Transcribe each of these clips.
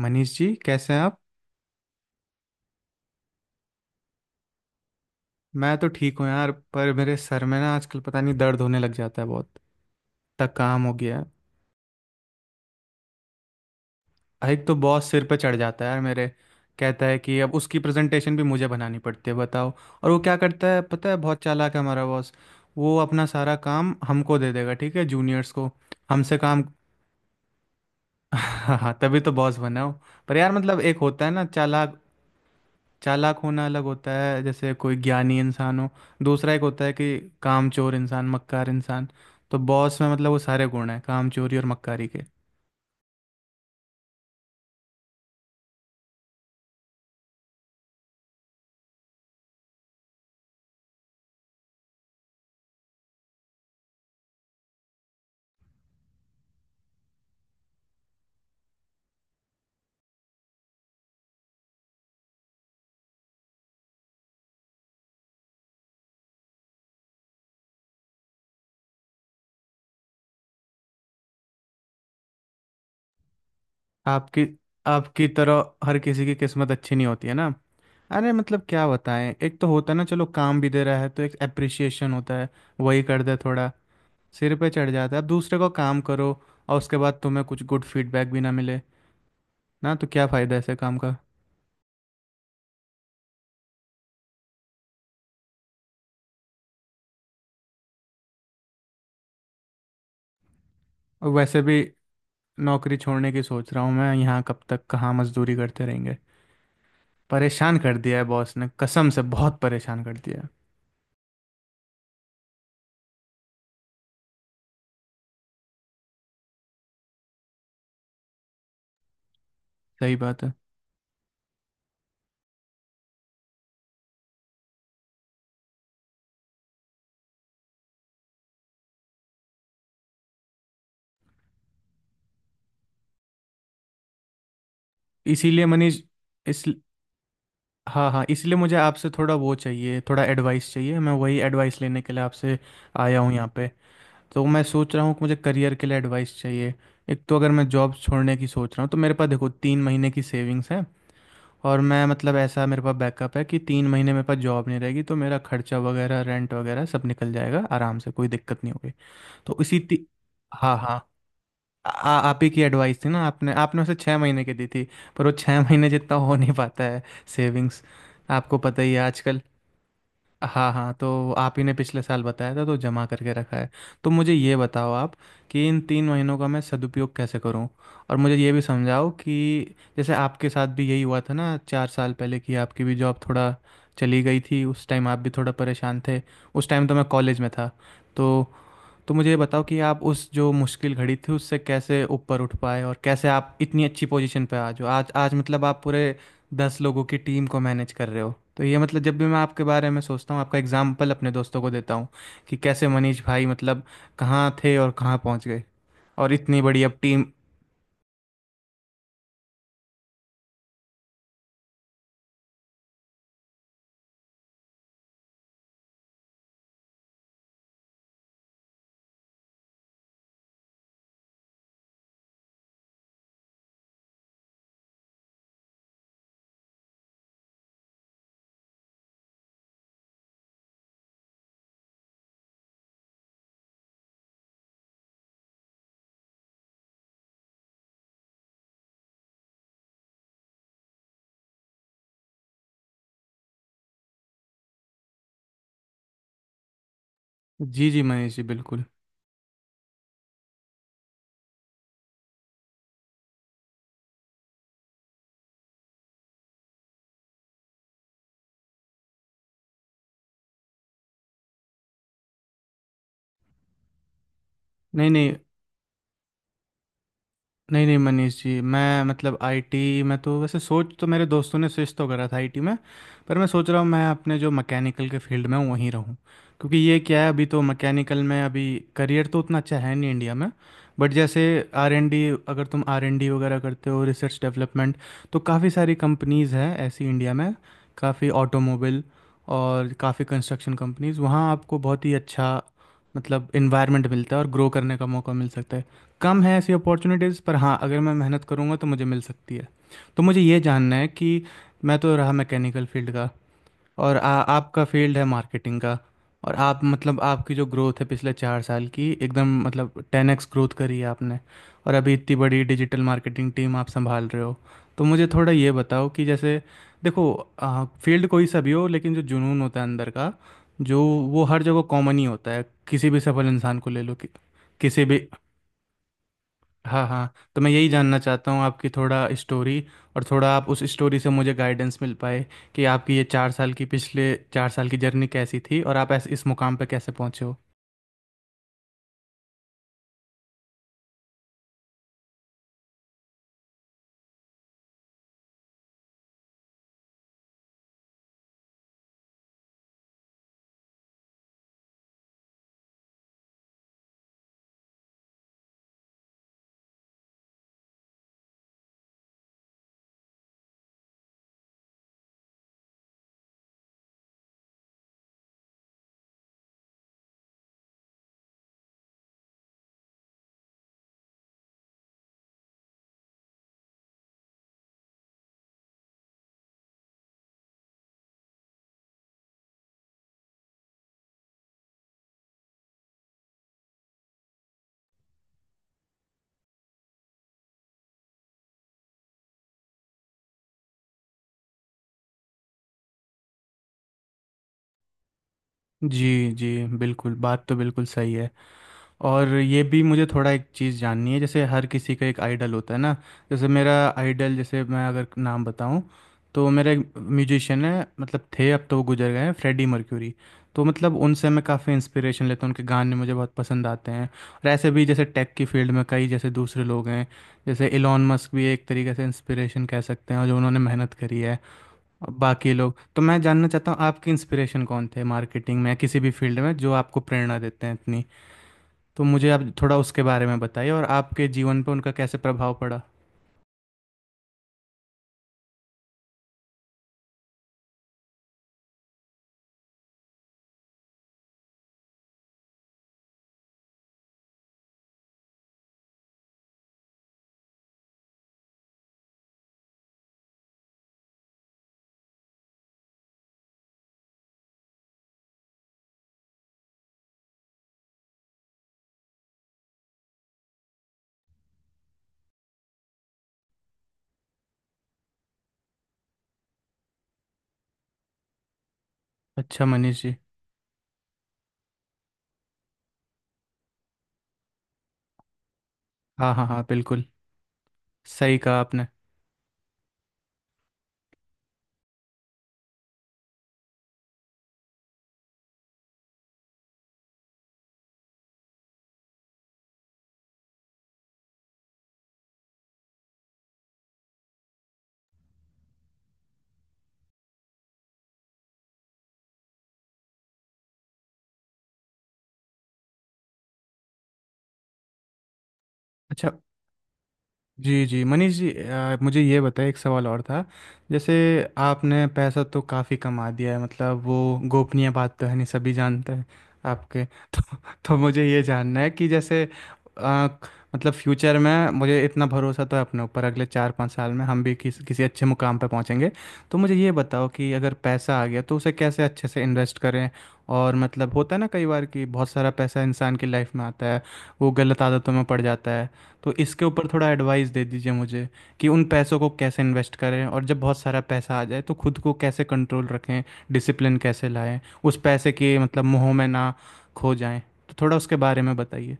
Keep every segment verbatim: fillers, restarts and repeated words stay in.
मनीष जी, कैसे हैं आप? मैं तो ठीक हूँ यार, पर मेरे सर में ना आजकल पता नहीं दर्द होने लग जाता है बहुत तक काम हो गया है। एक तो बॉस सिर पे चढ़ जाता है यार मेरे, कहता है कि अब उसकी प्रेजेंटेशन भी मुझे बनानी पड़ती है, बताओ। और वो क्या करता है पता है? बहुत चालाक है हमारा बॉस। वो अपना सारा काम हमको दे देगा, ठीक है, जूनियर्स को। हमसे काम हाँ, तभी तो बॉस बना हो। पर यार मतलब, एक होता है ना चालाक, चालाक होना अलग होता है, जैसे कोई ज्ञानी इंसान हो। दूसरा एक होता है कि कामचोर इंसान, मक्कार इंसान। तो बॉस में मतलब वो सारे गुण हैं कामचोरी और मक्कारी के। आपकी आपकी तरह हर किसी की किस्मत अच्छी नहीं होती है ना। अरे मतलब क्या बताएं, एक तो होता है ना, चलो काम भी दे रहा है तो एक अप्रिसिएशन होता है, वही कर दे थोड़ा। सिर पे चढ़ जाता है, अब दूसरे को काम करो, और उसके बाद तुम्हें कुछ गुड फीडबैक भी ना मिले, ना, तो क्या फ़ायदा ऐसे काम का। और वैसे भी नौकरी छोड़ने की सोच रहा हूँ मैं, यहाँ कब तक कहाँ मजदूरी करते रहेंगे। परेशान कर दिया है बॉस ने, कसम से बहुत परेशान कर दिया है। सही बात है। इसीलिए मनीष, इस हाँ हाँ, इसलिए मुझे आपसे थोड़ा वो चाहिए, थोड़ा एडवाइस चाहिए, मैं वही एडवाइस लेने के लिए आपसे आया हूँ यहाँ पे। तो मैं सोच रहा हूँ कि मुझे करियर के लिए एडवाइस चाहिए। एक तो अगर मैं जॉब छोड़ने की सोच रहा हूँ तो मेरे पास देखो तीन महीने की सेविंग्स है। और मैं मतलब, ऐसा मेरे पास बैकअप है कि तीन महीने मेरे पास जॉब नहीं रहेगी तो मेरा खर्चा वगैरह, रेंट वगैरह सब निकल जाएगा आराम से, कोई दिक्कत नहीं होगी। तो इसी ती... हाँ हाँ, आ, आ- आप ही की एडवाइस थी ना, आपने आपने उसे छः महीने की दी थी। पर वो छः महीने जितना हो नहीं पाता है सेविंग्स, आपको पता ही है आजकल। हाँ हाँ, तो आप ही ने पिछले साल बताया था, तो जमा करके रखा है। तो मुझे ये बताओ आप, कि इन तीन महीनों का मैं सदुपयोग कैसे करूं। और मुझे ये भी समझाओ कि जैसे आपके साथ भी यही हुआ था ना चार साल पहले, कि आपकी भी जॉब थोड़ा चली गई थी, उस टाइम आप भी थोड़ा परेशान थे, उस टाइम तो मैं कॉलेज में था। तो तो मुझे ये बताओ कि आप उस जो मुश्किल घड़ी थी उससे कैसे ऊपर उठ पाए, और कैसे आप इतनी अच्छी पोजीशन पे आज हो, आज, आज मतलब आप पूरे दस लोगों की टीम को मैनेज कर रहे हो। तो ये मतलब, जब भी मैं आपके बारे में सोचता हूँ, आपका एग्जाम्पल अपने दोस्तों को देता हूँ, कि कैसे मनीष भाई मतलब कहाँ थे और कहाँ पहुँच गए, और इतनी बड़ी अब टीम। जी जी मनीष जी, बिल्कुल। नहीं नहीं, नहीं नहीं मनीष जी, मैं मतलब आईटी में तो वैसे, सोच तो मेरे दोस्तों ने स्विच तो करा था आईटी में, पर मैं सोच रहा हूँ मैं अपने जो मैकेनिकल के फील्ड में हूँ वहीं रहूँ। क्योंकि ये क्या है, अभी तो मैकेनिकल में अभी करियर तो उतना अच्छा है नहीं इंडिया में, बट जैसे आर एन डी, अगर तुम आर एन डी वगैरह करते हो, रिसर्च डेवलपमेंट, तो काफ़ी सारी कंपनीज़ हैं ऐसी इंडिया में, काफ़ी ऑटोमोबाइल और काफ़ी कंस्ट्रक्शन कंपनीज़, वहाँ आपको बहुत ही अच्छा मतलब इन्वायरमेंट मिलता है और ग्रो करने का मौका मिल सकता है। कम है ऐसी अपॉर्चुनिटीज़, पर हाँ अगर मैं मेहनत करूँगा तो मुझे मिल सकती है। तो मुझे ये जानना है कि मैं तो रहा मैकेनिकल फील्ड का, और आ, आपका फील्ड है मार्केटिंग का, और आप मतलब आपकी जो ग्रोथ है पिछले चार साल की, एकदम मतलब टेन एक्स ग्रोथ करी है आपने, और अभी इतनी बड़ी डिजिटल मार्केटिंग टीम आप संभाल रहे हो। तो मुझे थोड़ा ये बताओ कि जैसे, देखो, आ, फील्ड कोई सा भी हो, लेकिन जो जुनून होता है अंदर का, जो वो हर जगह कॉमन ही होता है, किसी भी सफल इंसान को ले लो, कि, किसी भी। हाँ हाँ, तो मैं यही जानना चाहता हूँ आपकी थोड़ा स्टोरी, और थोड़ा आप उस स्टोरी से मुझे गाइडेंस मिल पाए, कि आपकी ये चार साल की पिछले चार साल की जर्नी कैसी थी और आप ऐसे इस मुकाम पे कैसे पहुँचे हो। जी जी, बिल्कुल, बात तो बिल्कुल सही है। और ये भी मुझे थोड़ा एक चीज़ जाननी है, जैसे हर किसी का एक आइडल होता है ना, जैसे मेरा आइडल, जैसे मैं अगर नाम बताऊं, तो मेरा एक म्यूजिशियन है, मतलब थे, अब तो वो गुजर गए हैं, फ्रेडी मर्क्यूरी। तो मतलब उनसे मैं काफ़ी इंस्पिरेशन लेता हूँ, उनके गाने मुझे बहुत पसंद आते हैं। और ऐसे भी जैसे टेक की फील्ड में कई जैसे दूसरे लोग हैं, जैसे इलॉन मस्क भी एक तरीके से इंस्पिरेशन कह सकते हैं, और जो उन्होंने मेहनत करी है। और बाकी लोग, तो मैं जानना चाहता हूँ आपकी इंस्पिरेशन कौन थे मार्केटिंग में या किसी भी फील्ड में जो आपको प्रेरणा देते हैं इतनी। तो मुझे आप थोड़ा उसके बारे में बताइए, और आपके जीवन पर उनका कैसे प्रभाव पड़ा। अच्छा मनीष जी। हाँ हाँ हाँ बिल्कुल, सही कहा आपने। अच्छा, जी जी मनीष जी, अ, मुझे ये बताइए, एक सवाल और था। जैसे, आपने पैसा तो काफ़ी कमा दिया है, मतलब वो गोपनीय बात तो है नहीं, सभी जानते हैं आपके। तो, तो मुझे ये जानना है कि जैसे, अ, मतलब फ्यूचर में मुझे इतना भरोसा तो है अपने ऊपर, अगले चार पाँच साल में हम भी किस, किसी अच्छे मुकाम पर पहुंचेंगे। तो मुझे ये बताओ कि अगर पैसा आ गया तो उसे कैसे अच्छे से इन्वेस्ट करें। और मतलब होता है ना कई बार कि बहुत सारा पैसा इंसान की लाइफ में आता है, वो गलत आदतों में पड़ जाता है। तो इसके ऊपर थोड़ा एडवाइस दे दीजिए मुझे, कि उन पैसों को कैसे इन्वेस्ट करें, और जब बहुत सारा पैसा आ जाए तो खुद को कैसे कंट्रोल रखें, डिसिप्लिन कैसे लाएं, उस पैसे के मतलब मोह में ना खो जाएं, तो थोड़ा उसके बारे में बताइए।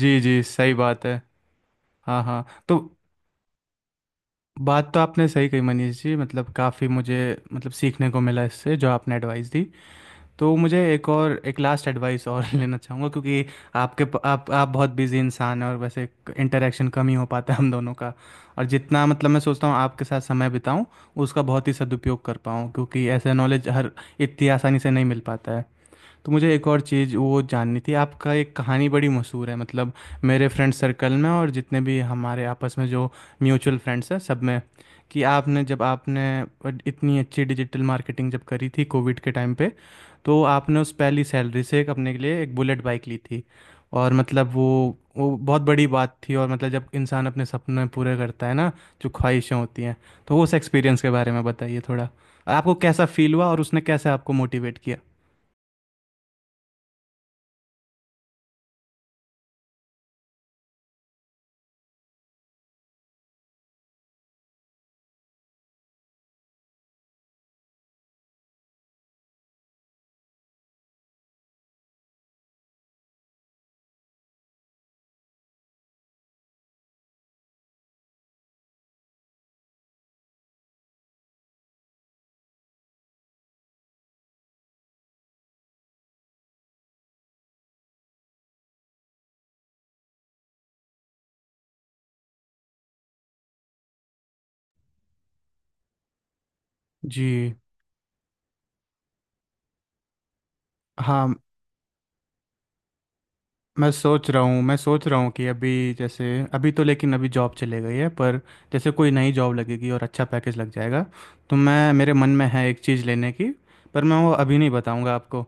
जी जी सही बात है। हाँ हाँ तो, बात तो आपने सही कही मनीष जी, मतलब काफ़ी मुझे मतलब सीखने को मिला इससे, जो आपने एडवाइस दी। तो मुझे एक और, एक लास्ट एडवाइस और लेना चाहूँगा, क्योंकि आपके प- आप आप बहुत बिजी इंसान हैं, और वैसे इंटरेक्शन कम ही हो पाता है हम दोनों का, और जितना मतलब मैं सोचता हूँ आपके साथ समय बिताऊँ उसका बहुत ही सदुपयोग कर पाऊँ, क्योंकि ऐसा नॉलेज हर इतनी आसानी से नहीं मिल पाता है। तो मुझे एक और चीज़ वो जाननी थी, आपका एक कहानी बड़ी मशहूर है, मतलब मेरे फ्रेंड सर्कल में और जितने भी हमारे आपस में जो म्यूचुअल फ्रेंड्स हैं सब में, कि आपने जब आपने इतनी अच्छी डिजिटल मार्केटिंग जब करी थी कोविड के टाइम पे, तो आपने उस पहली सैलरी से एक अपने के लिए एक बुलेट बाइक ली थी, और मतलब वो वो बहुत बड़ी बात थी। और मतलब जब इंसान अपने सपने पूरे करता है ना, जो ख्वाहिशें होती हैं, तो उस एक्सपीरियंस के बारे में बताइए थोड़ा, आपको कैसा फील हुआ और उसने कैसे आपको मोटिवेट किया। जी। हाँ, मैं सोच रहा हूँ मैं सोच रहा हूँ कि अभी, जैसे, अभी तो, लेकिन अभी जॉब चले गई है, पर जैसे कोई नई जॉब लगेगी और अच्छा पैकेज लग जाएगा, तो मैं मेरे मन में है एक चीज़ लेने की, पर मैं वो अभी नहीं बताऊँगा आपको।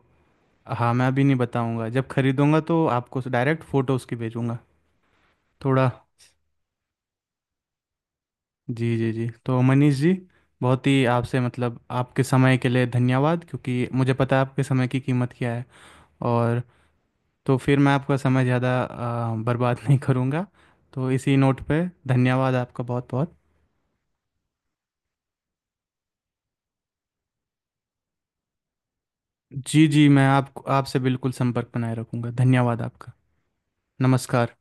हाँ मैं अभी नहीं बताऊँगा, जब खरीदूँगा तो आपको डायरेक्ट फ़ोटो उसकी भेजूँगा। थोड़ा, जी जी जी, तो मनीष जी, बहुत ही आपसे मतलब आपके समय के लिए धन्यवाद, क्योंकि मुझे पता है आपके समय की कीमत क्या है। और तो फिर मैं आपका समय ज़्यादा अ, बर्बाद नहीं करूँगा। तो इसी नोट पे धन्यवाद आपका बहुत बहुत। जी जी, मैं आप आपसे बिल्कुल संपर्क बनाए रखूँगा, धन्यवाद आपका। नमस्कार।